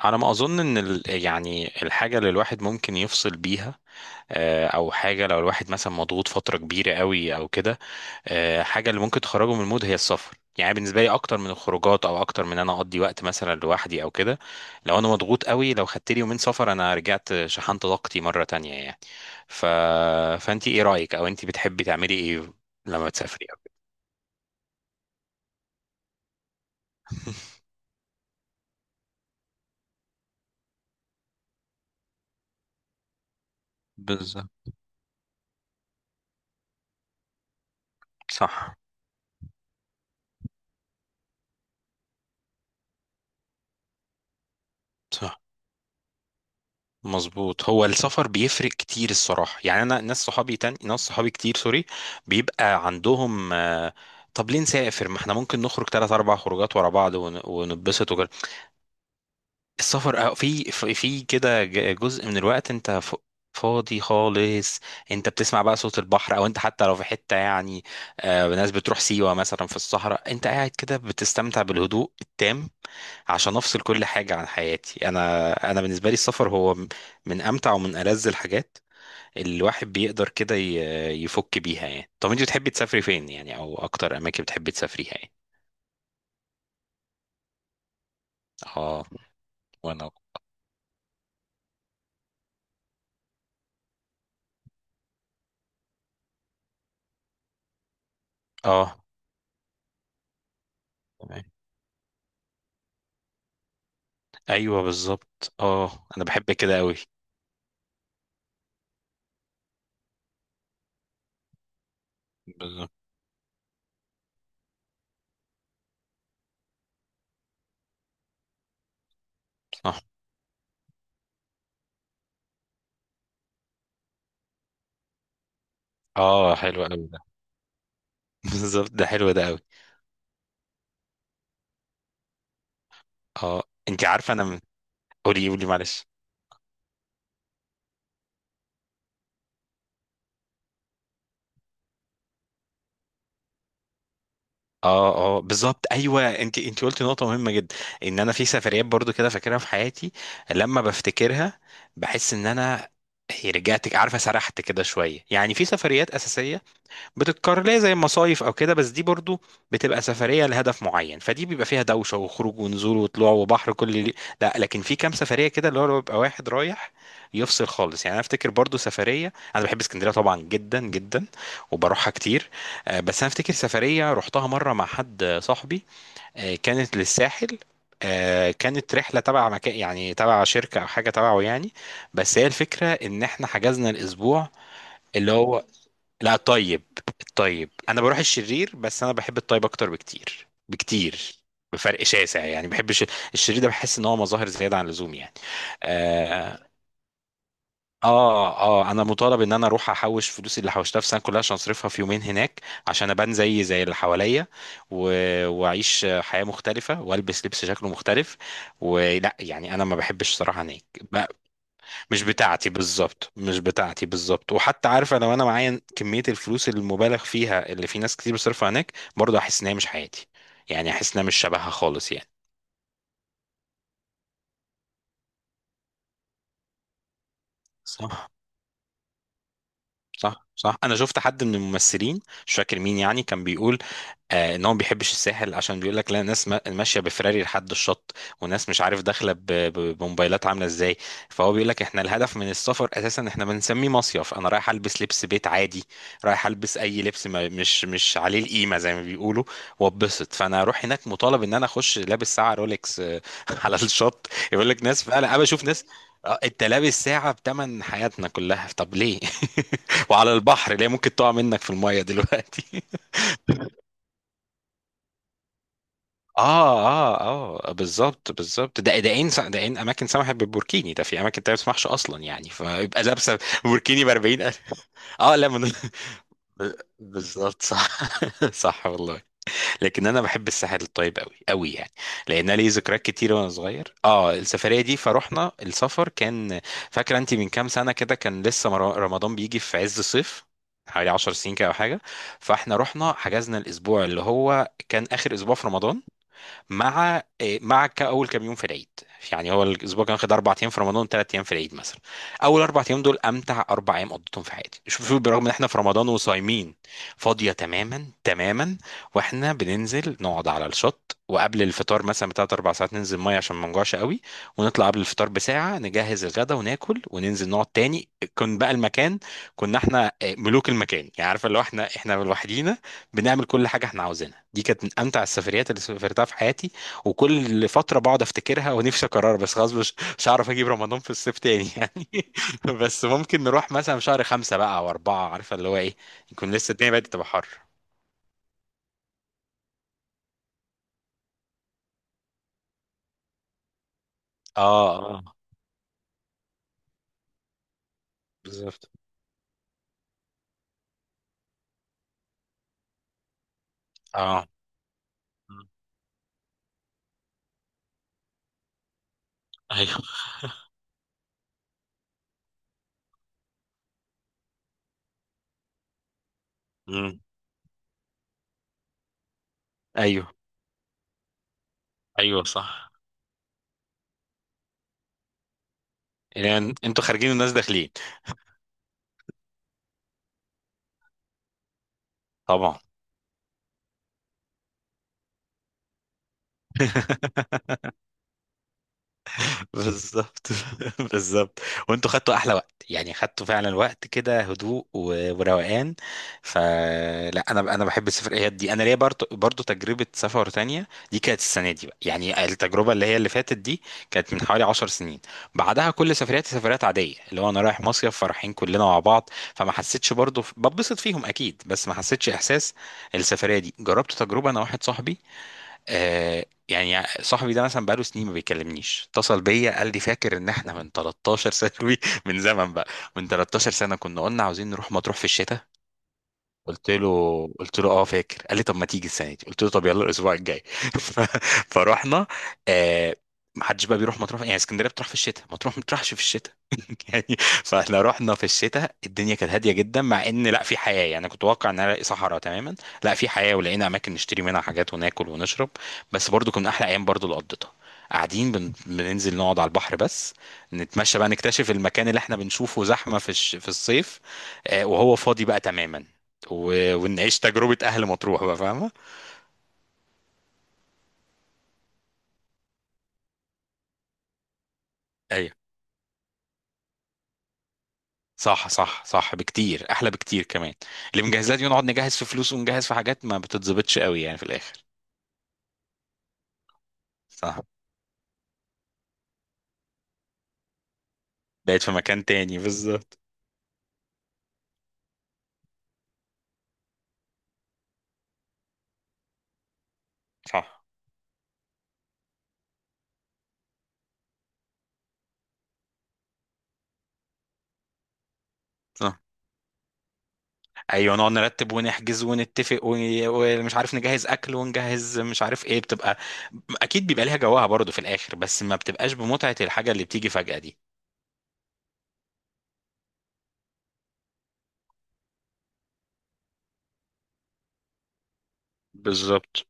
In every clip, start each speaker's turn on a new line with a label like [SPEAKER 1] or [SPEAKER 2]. [SPEAKER 1] على ما اظن ان يعني الحاجه اللي الواحد ممكن يفصل بيها. او حاجه لو الواحد مثلا مضغوط فتره كبيره قوي او كده. حاجه اللي ممكن تخرجه من المود هي السفر، يعني بالنسبه لي اكتر من الخروجات او اكتر من انا اقضي وقت مثلا لوحدي او كده. لو انا مضغوط قوي، لو خدت لي يومين سفر انا رجعت شحنت طاقتي مره تانية يعني. ف... فانت ايه رايك، او انت بتحبي تعملي ايه لما تسافري أو كده؟ بالظبط. صح، صح. مظبوط، هو السفر بيفرق كتير الصراحة. يعني أنا ناس صحابي، تاني ناس صحابي كتير، سوري، بيبقى عندهم طب ليه نسافر، ما احنا ممكن نخرج تلات أربع خروجات ورا بعض ونتبسط. السفر في كده جزء من الوقت انت فاضي خالص. انت بتسمع بقى صوت البحر، او انت حتى لو في حتة يعني، ناس بتروح سيوة مثلا في الصحراء، انت قاعد كده بتستمتع بالهدوء التام عشان افصل كل حاجة عن حياتي. انا بالنسبة لي السفر هو من امتع ومن ألذ الحاجات اللي الواحد بيقدر كده يفك بيها يعني. طب انت بتحبي تسافري فين يعني، او اكتر اماكن بتحبي تسافريها يعني؟ اه. وانا. اه. ايوه بالظبط، اه انا بحب كده قوي. بالظبط. صح. اه حلو قوي ده. بالظبط، ده حلو ده قوي. اه. انت عارفه انا قولي قولي معلش. اه اه بالظبط، ايوه، انت قلتي نقطه مهمه جدا، ان انا في سفريات برضو كده فاكرها في حياتي، لما بفتكرها بحس ان انا هي رجعت. عارفه سرحت كده شويه. يعني في سفريات اساسيه بتتكرر ليه زي المصايف او كده، بس دي برضو بتبقى سفريه لهدف معين، فدي بيبقى فيها دوشه وخروج ونزول وطلوع وبحر لا، لكن في كام سفريه كده اللي هو بيبقى واحد رايح يفصل خالص، يعني انا افتكر برضو سفريه. انا بحب اسكندريه طبعا جدا جدا وبروحها كتير. بس انا افتكر سفريه رحتها مره مع حد صاحبي، كانت للساحل، كانت رحلة تبع مكان يعني تبع شركة أو حاجة تبعه يعني، بس هي الفكرة إن إحنا حجزنا الأسبوع اللي هو لا طيب. الطيب. انا بروح الشرير بس انا بحب الطيب اكتر بكتير بكتير، بفرق شاسع يعني. بحب الشرير ده بحس ان هو مظاهر زياده عن اللزوم يعني. اه. اه. انا مطالب ان انا اروح احوش فلوسي اللي حوشتها في السنه كلها عشان اصرفها في يومين هناك، عشان ابان زي اللي حواليا و... واعيش حياه مختلفه والبس لبس شكله مختلف، ولا، يعني انا ما بحبش صراحه هناك. مش بتاعتي بالظبط، مش بتاعتي بالظبط. وحتى عارفه لو انا معايا كميه الفلوس المبالغ فيها اللي في ناس كتير بتصرفها هناك، برضه احس ان هي مش حياتي، يعني احس انها مش شبهها خالص يعني. صح. صح، صح. انا شفت حد من الممثلين، مش فاكر مين، يعني كان بيقول آه ان هو ما بيحبش الساحل، عشان بيقول لك لا، ناس ماشيه بفراري لحد الشط، وناس مش عارف داخله بموبايلات عامله ازاي. فهو بيقول لك احنا الهدف من السفر اساسا، احنا بنسميه مصيف، انا رايح البس لبس بيت عادي، رايح البس اي لبس، ما مش عليه القيمه زي ما بيقولوا، واتبسط. فانا اروح هناك مطالب ان انا اخش لابس ساعه رولكس، على الشط. يقول لك ناس، فعلا انا بشوف ناس، انت لابس ساعه بتمن حياتنا كلها، طب ليه؟ وعلى البحر ليه؟ ممكن تقع منك في الميه دلوقتي. اه. اه. اه بالظبط، بالظبط. ده ان اماكن سمحت بالبوركيني ده، في اماكن تانية ما تسمحش اصلا يعني، فيبقى لابسه بوركيني ب 40000. اه لا ب- بالظبط صح. صح والله. لكن انا بحب الساحل الطيب قوي قوي يعني، لان أنا لي ذكريات كتير وانا صغير اه السفريه دي. فروحنا، السفر كان، فاكره انت من كام سنه كده كان لسه رمضان بيجي في عز الصيف، حوالي 10 سنين كده او حاجه. فاحنا رحنا حجزنا الاسبوع اللي هو كان اخر اسبوع في رمضان مع مع كاول كام يوم في العيد، يعني هو الاسبوع كان واخد اربع ايام في رمضان، ثلاث ايام في العيد مثلا. اول اربع ايام دول امتع اربع ايام قضيتهم في حياتي، شوف شوف، برغم ان احنا في رمضان وصايمين. فاضيه تماما تماما، واحنا بننزل نقعد على الشط، وقبل الفطار مثلا بتلات اربع ساعات ننزل ميه عشان ما نجوعش قوي، ونطلع قبل الفطار بساعه، نجهز الغدا وناكل وننزل نقعد تاني. كان بقى المكان، كنا احنا ملوك المكان يعني، عارفه لو احنا، احنا لوحدينا بنعمل كل حاجه احنا عاوزينها. دي كانت من امتع السفريات اللي سافرتها في حياتي، وكل فتره بقعد افتكرها ونفسي اكررها، بس خلاص مش هعرف اجيب رمضان في الصيف تاني يعني. بس ممكن نروح مثلا في شهر خمسة بقى او اربعة، عارفه اللي هو ايه، يكون لسه الدنيا بدأت تبقى حر. اه. اه بالظبط. اه. مم. ايوه. مم. ايوه، ايوه صح. يعني انتوا خارجين والناس داخلين. طبعا. بالظبط، بالظبط، وانتوا خدتوا احلى وقت يعني، خدتوا فعلا وقت كده هدوء وروقان. فلا، انا، انا بحب السفريات دي. انا ليا برضو برضو تجربه سفر تانية، دي كانت السنه دي بقى، يعني التجربه اللي هي اللي فاتت دي كانت من حوالي 10 سنين. بعدها كل سفرياتي سفريات عاديه، اللي هو انا رايح مصيف فرحين كلنا مع بعض، فما حسيتش برضو ببسط فيهم اكيد، بس ما حسيتش احساس السفريه دي. جربت تجربه انا واحد صاحبي، آه، يعني صاحبي ده مثلا بقاله سنين ما بيكلمنيش، اتصل بيا قال لي فاكر ان احنا من 13 سنة من زمن بقى، من 13 سنة كنا قلنا عاوزين نروح مطروح في الشتاء. قلت له، اه فاكر. قال لي طب ما تيجي السنه دي، قلت له طب يلا الاسبوع الجاي. ف- فروحنا. آه، ما حدش بقى بيروح مطروح يعني، اسكندريه بتروح في الشتاء، مطروح ما بتروحش في الشتاء يعني. فاحنا رحنا في الشتاء الدنيا كانت هاديه جدا، مع ان لا في حياه يعني، كنت متوقع ان أنا الاقي صحراء تماما، لا في حياه ولقينا اماكن نشتري منها حاجات وناكل ونشرب. بس برضو كنا احلى ايام برضو اللي قضيتها قاعدين، بننزل نقعد على البحر بس، نتمشى بقى نكتشف المكان اللي احنا بنشوفه زحمه في في الصيف، وهو فاضي بقى تماما، ونعيش تجربة أهل مطروح بقى، فاهمة؟ أيوه. صح صح صح، بكتير أحلى، بكتير كمان. اللي مجهزات دي نقعد نجهز في فلوس ونجهز في حاجات ما بتتظبطش قوي يعني في الآخر. صح. بقيت في مكان تاني بالظبط. صح. صح. أيوه، نقعد نرتب ونحجز ونتفق ومش عارف نجهز أكل ونجهز مش عارف إيه، بتبقى أكيد بيبقى ليها جواها برضه في الآخر، بس ما بتبقاش بمتعة الحاجة اللي بتيجي فجأة دي. بالظبط.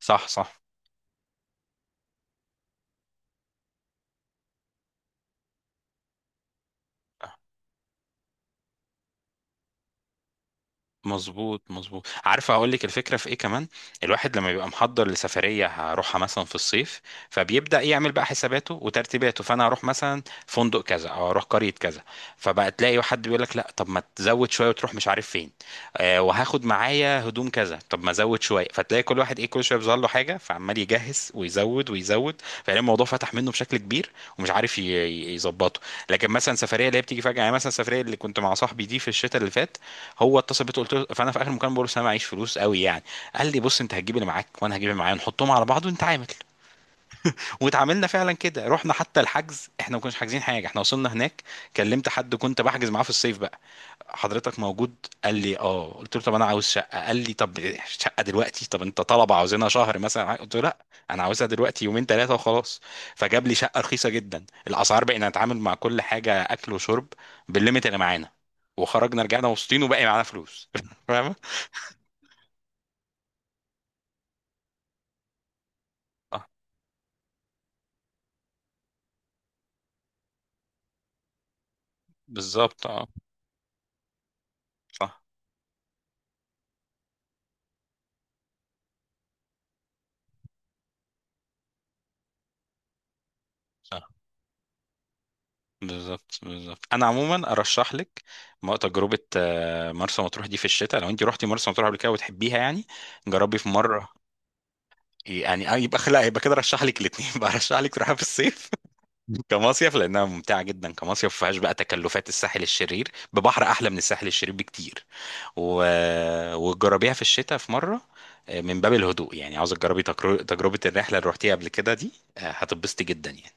[SPEAKER 1] صح. صح. مظبوط، مظبوط. عارفه اقول لك الفكره في ايه كمان؟ الواحد لما بيبقى محضر لسفريه هروحها مثلا في الصيف، فبيبدا يعمل بقى حساباته وترتيباته، فانا هروح مثلا فندق كذا او هروح قريه كذا، فبقى تلاقي حد بيقول لك لا طب ما تزود شويه وتروح مش عارف فين، آه وهاخد معايا هدوم كذا طب ما ازود شويه، فتلاقي كل واحد ايه كل شويه بيظهر له حاجه، فعمال يجهز ويزود ويزود، فلاقي الموضوع فتح منه بشكل كبير، ومش عارف يظبطه. لكن مثلا سفريه اللي هي بتيجي فجاه، يعني مثلا السفريه اللي كنت مع صاحبي دي في الشتاء اللي فات، هو اتصل بيا، قلت له، فانا في اخر المكالمه بقول له: أصل انا معيش فلوس قوي يعني. قال لي بص، انت هتجيب اللي معاك وانا هجيب اللي معايا، نحطهم على بعض ونتعامل. واتعاملنا فعلا كده. رحنا، حتى الحجز احنا ما كناش حاجزين حاجه، احنا وصلنا هناك كلمت حد كنت بحجز معاه في الصيف بقى: حضرتك موجود؟ قال لي اه، قلت له طب انا عاوز شقه، قال لي طب شقه دلوقتي، طب انت طلبه عاوزينها شهر مثلا؟ قلت له لا، انا عاوزها دلوقتي يومين ثلاثه وخلاص. فجاب لي شقه رخيصه جدا الاسعار، بقينا نتعامل مع كل حاجه اكل وشرب بالليميت اللي معانا، وخرجنا رجعنا مبسوطين وباقي معانا فلوس. فاهم؟ آه، بالظبط. اه صح. صح. بالظبط، بالظبط، انا عموما ارشح لك تجربه مرسى مطروح دي في الشتاء، لو انت رحتي مرسى مطروح قبل كده وتحبيها يعني. جربي في مره، يعني يبقى لا يبقى كده رشح لك الاثنين بقى، رشح لك تروحها في الصيف كمصيف، لانها ممتعه جدا كمصيف، ما فيهاش بقى تكلفات الساحل الشرير، ببحر احلى من الساحل الشرير بكتير، و... وتجربيها في الشتاء في مره، من باب الهدوء يعني، عاوزه تجربي تجربه الرحله اللي رحتيها قبل كده دي، هتتبسطي جدا يعني.